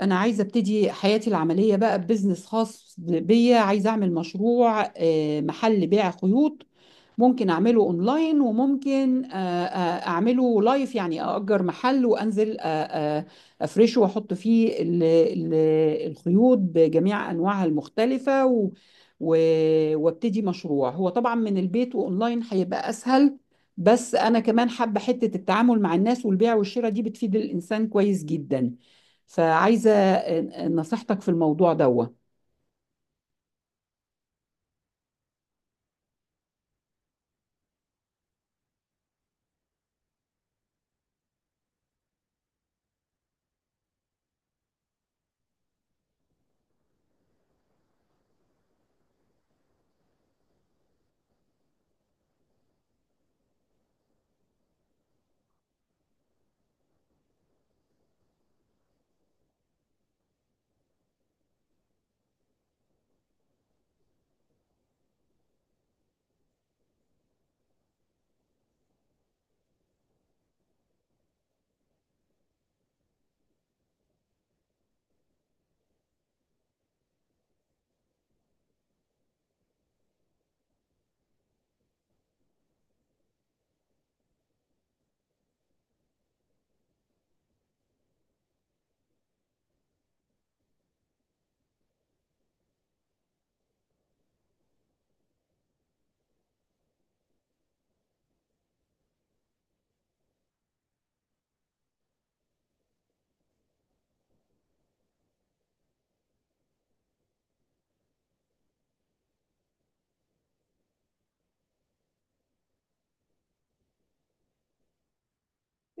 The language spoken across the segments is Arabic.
أنا عايزة أبتدي حياتي العملية بقى ببزنس خاص بيا. عايزة أعمل مشروع محل بيع خيوط. ممكن أعمله أونلاين، وممكن أعمله لايف، يعني أأجر محل وأنزل آه، أفرشه وأحط فيه الخيوط بجميع أنواعها المختلفة، وأبتدي مشروع. هو طبعا من البيت وأونلاين هيبقى أسهل، بس أنا كمان حابة حتة التعامل مع الناس، والبيع والشراء دي بتفيد الإنسان كويس جدا. فعايزة نصيحتك في الموضوع دوا.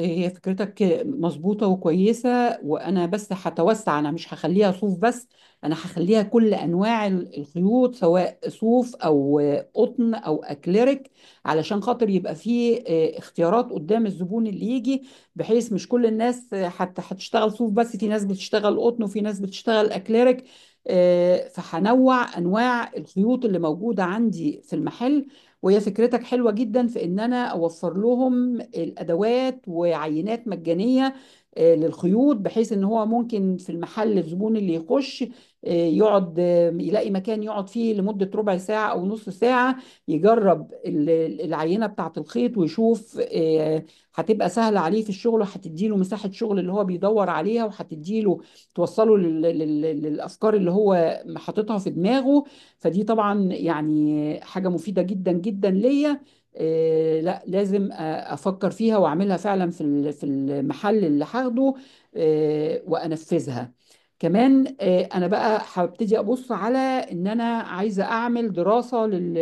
هي فكرتك مظبوطة وكويسة، وأنا بس هتوسع. أنا مش هخليها صوف بس، أنا هخليها كل أنواع الخيوط، سواء صوف أو قطن أو أكليريك، علشان خاطر يبقى فيه اختيارات قدام الزبون اللي يجي، بحيث مش كل الناس حتى هتشتغل صوف بس، في ناس بتشتغل قطن وفي ناس بتشتغل أكليريك. فهنوع أنواع الخيوط اللي موجودة عندي في المحل. وهي فكرتك حلوة جدا، في ان انا اوفر لهم الادوات وعينات مجانية للخيوط، بحيث ان هو ممكن في المحل الزبون اللي يخش يقعد، يلاقي مكان يقعد فيه لمدة ربع ساعة او نص ساعة، يجرب العينة بتاعة الخيط ويشوف هتبقى سهلة عليه في الشغل، وهتديله مساحة شغل اللي هو بيدور عليها، وهتديله توصله للأفكار اللي هو حاططها في دماغه. فدي طبعا يعني حاجة مفيدة جدا جدا ليا. لا لازم افكر فيها واعملها فعلا في في المحل اللي هاخده وانفذها. كمان انا بقى هبتدي ابص على ان انا عايزة اعمل دراسة لل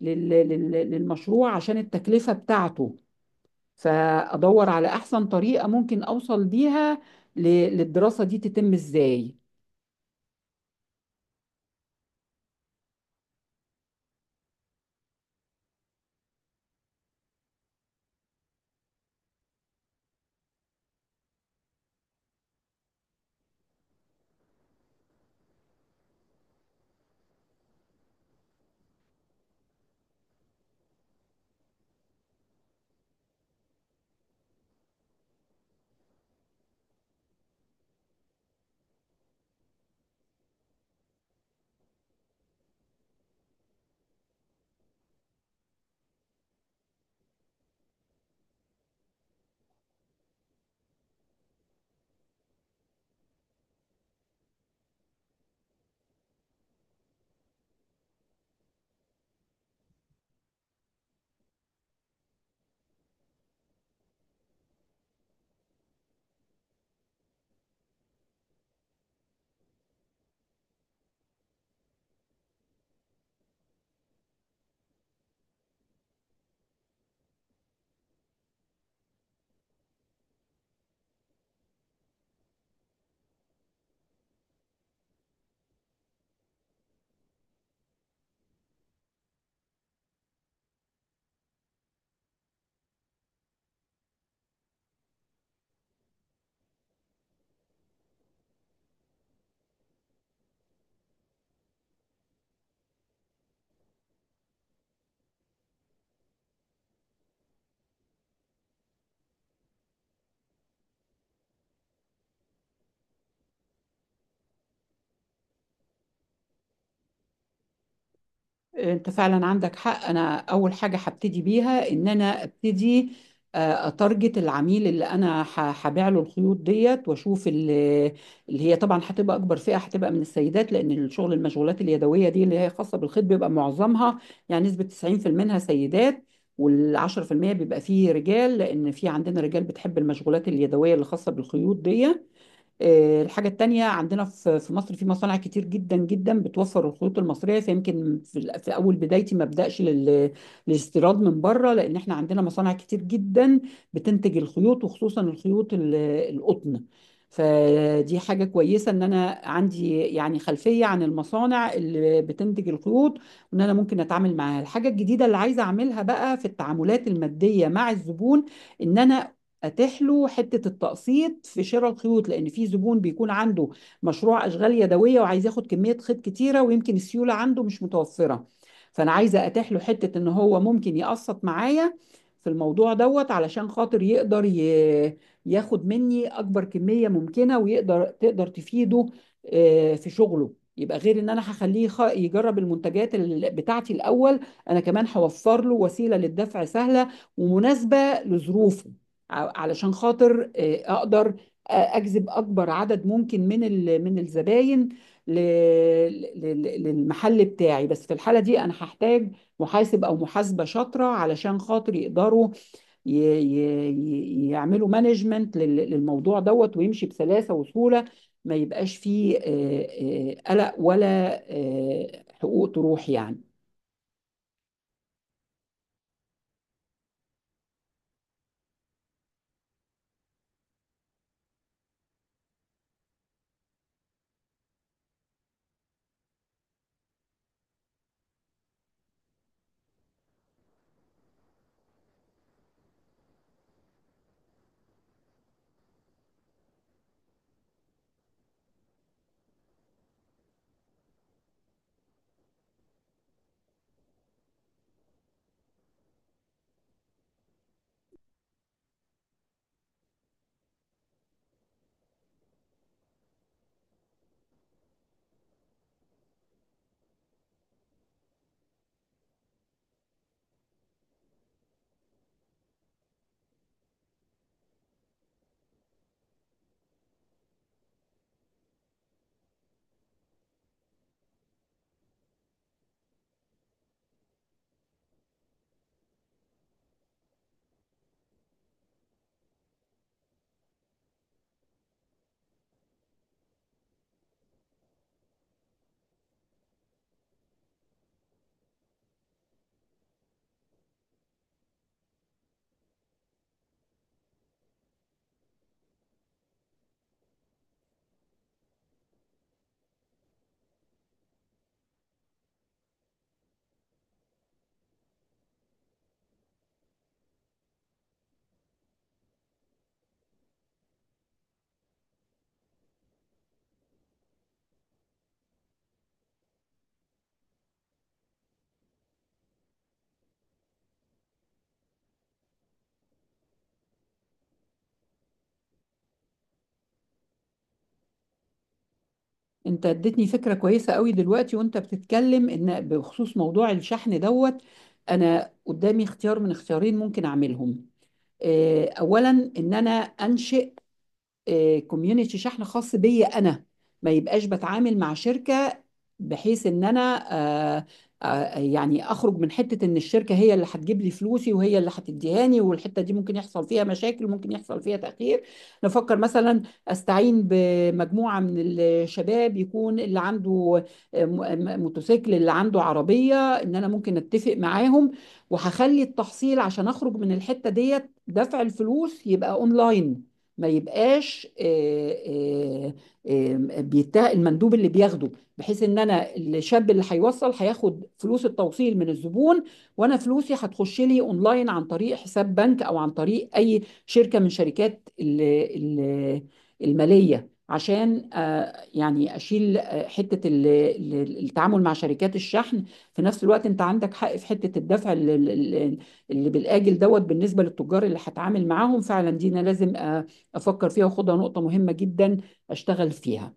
لل- لل- للمشروع، عشان التكلفة بتاعته. فادور على احسن طريقة ممكن اوصل بيها ل- للدراسة دي تتم ازاي. انت فعلا عندك حق، انا اول حاجه هبتدي بيها ان انا ابتدي اتارجت العميل اللي انا هبيع له الخيوط ديت، واشوف اللي هي طبعا هتبقى اكبر فئه. هتبقى من السيدات، لان الشغل المشغولات اليدويه دي اللي هي خاصه بالخيط بيبقى معظمها، يعني نسبه 90% منها سيدات، وال10% بيبقى فيه رجال، لان في عندنا رجال بتحب المشغولات اليدويه اللي خاصه بالخيوط دي. الحاجة التانية، عندنا في مصر في مصانع كتير جدا جدا بتوفر الخيوط المصرية، فيمكن في أول بدايتي ما أبدأش للاستيراد من بره، لأن إحنا عندنا مصانع كتير جدا بتنتج الخيوط، وخصوصا الخيوط القطن. فدي حاجة كويسة إن أنا عندي يعني خلفية عن المصانع اللي بتنتج الخيوط، وإن أنا ممكن أتعامل معاها. الحاجة الجديدة اللي عايزة أعملها بقى في التعاملات المادية مع الزبون، إن أنا اتيح له حته التقسيط في شراء الخيوط، لان في زبون بيكون عنده مشروع اشغال يدويه، وعايز ياخد كميه خيط كتيره، ويمكن السيوله عنده مش متوفره. فانا عايزه اتيح له حته ان هو ممكن يقسط معايا في الموضوع دوت، علشان خاطر يقدر ياخد مني اكبر كميه ممكنه، ويقدر تفيده في شغله. يبقى غير ان انا هخليه يجرب المنتجات بتاعتي الاول، انا كمان هوفر له وسيله للدفع سهله ومناسبه لظروفه، علشان خاطر اقدر اجذب اكبر عدد ممكن من من الزباين ل- ل- للمحل بتاعي. بس في الحالة دي انا هحتاج محاسب او محاسبة شاطرة، علشان خاطر يقدروا ي- يعملوا مانجمنت للموضوع دوت، ويمشي بسلاسة وسهولة، ما يبقاش فيه قلق، ولا حقوق تروح يعني. انت اديتني فكرة كويسة قوي دلوقتي وانت بتتكلم، ان بخصوص موضوع الشحن دوت، انا قدامي اختيار من اختيارين ممكن اعملهم. اولا، ان انا انشئ كوميونيتي شحن خاص بيا انا، ما يبقاش بتعامل مع شركه، بحيث ان انا آه، يعني اخرج من حته ان الشركه هي اللي هتجيب لي فلوسي وهي اللي هتديهاني، والحته دي ممكن يحصل فيها مشاكل، ممكن يحصل فيها تاخير. نفكر مثلا استعين بمجموعه من الشباب، يكون اللي عنده موتوسيكل، اللي عنده عربيه، ان انا ممكن اتفق معاهم، وهخلي التحصيل عشان اخرج من الحته ديت، دفع الفلوس يبقى اونلاين، ما يبقاش آه، بيته المندوب اللي بياخده، بحيث ان انا الشاب اللي هيوصل هياخد فلوس التوصيل من الزبون، وانا فلوسي هتخش لي اونلاين عن طريق حساب بنك، او عن طريق اي شركة من شركات ال- المالية، عشان يعني اشيل حتة التعامل مع شركات الشحن. في نفس الوقت انت عندك حق في حتة الدفع ال- اللي بالاجل دوت، بالنسبة للتجار اللي هتعامل معاهم فعلا، دي انا لازم افكر فيها، وخدها نقطه مهمه جدا اشتغل فيها.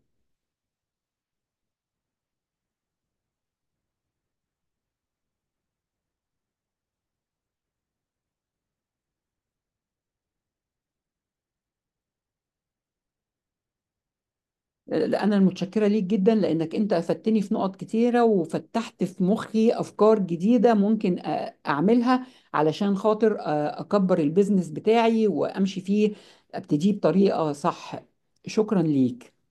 لا، انا المتشكره ليك جدا، لانك انت افدتني في نقط كتيره، وفتحت في مخي افكار جديده ممكن اعملها، علشان خاطر اكبر البيزنس بتاعي وامشي فيه، ابتديه بطريقه صح. شكرا ليك.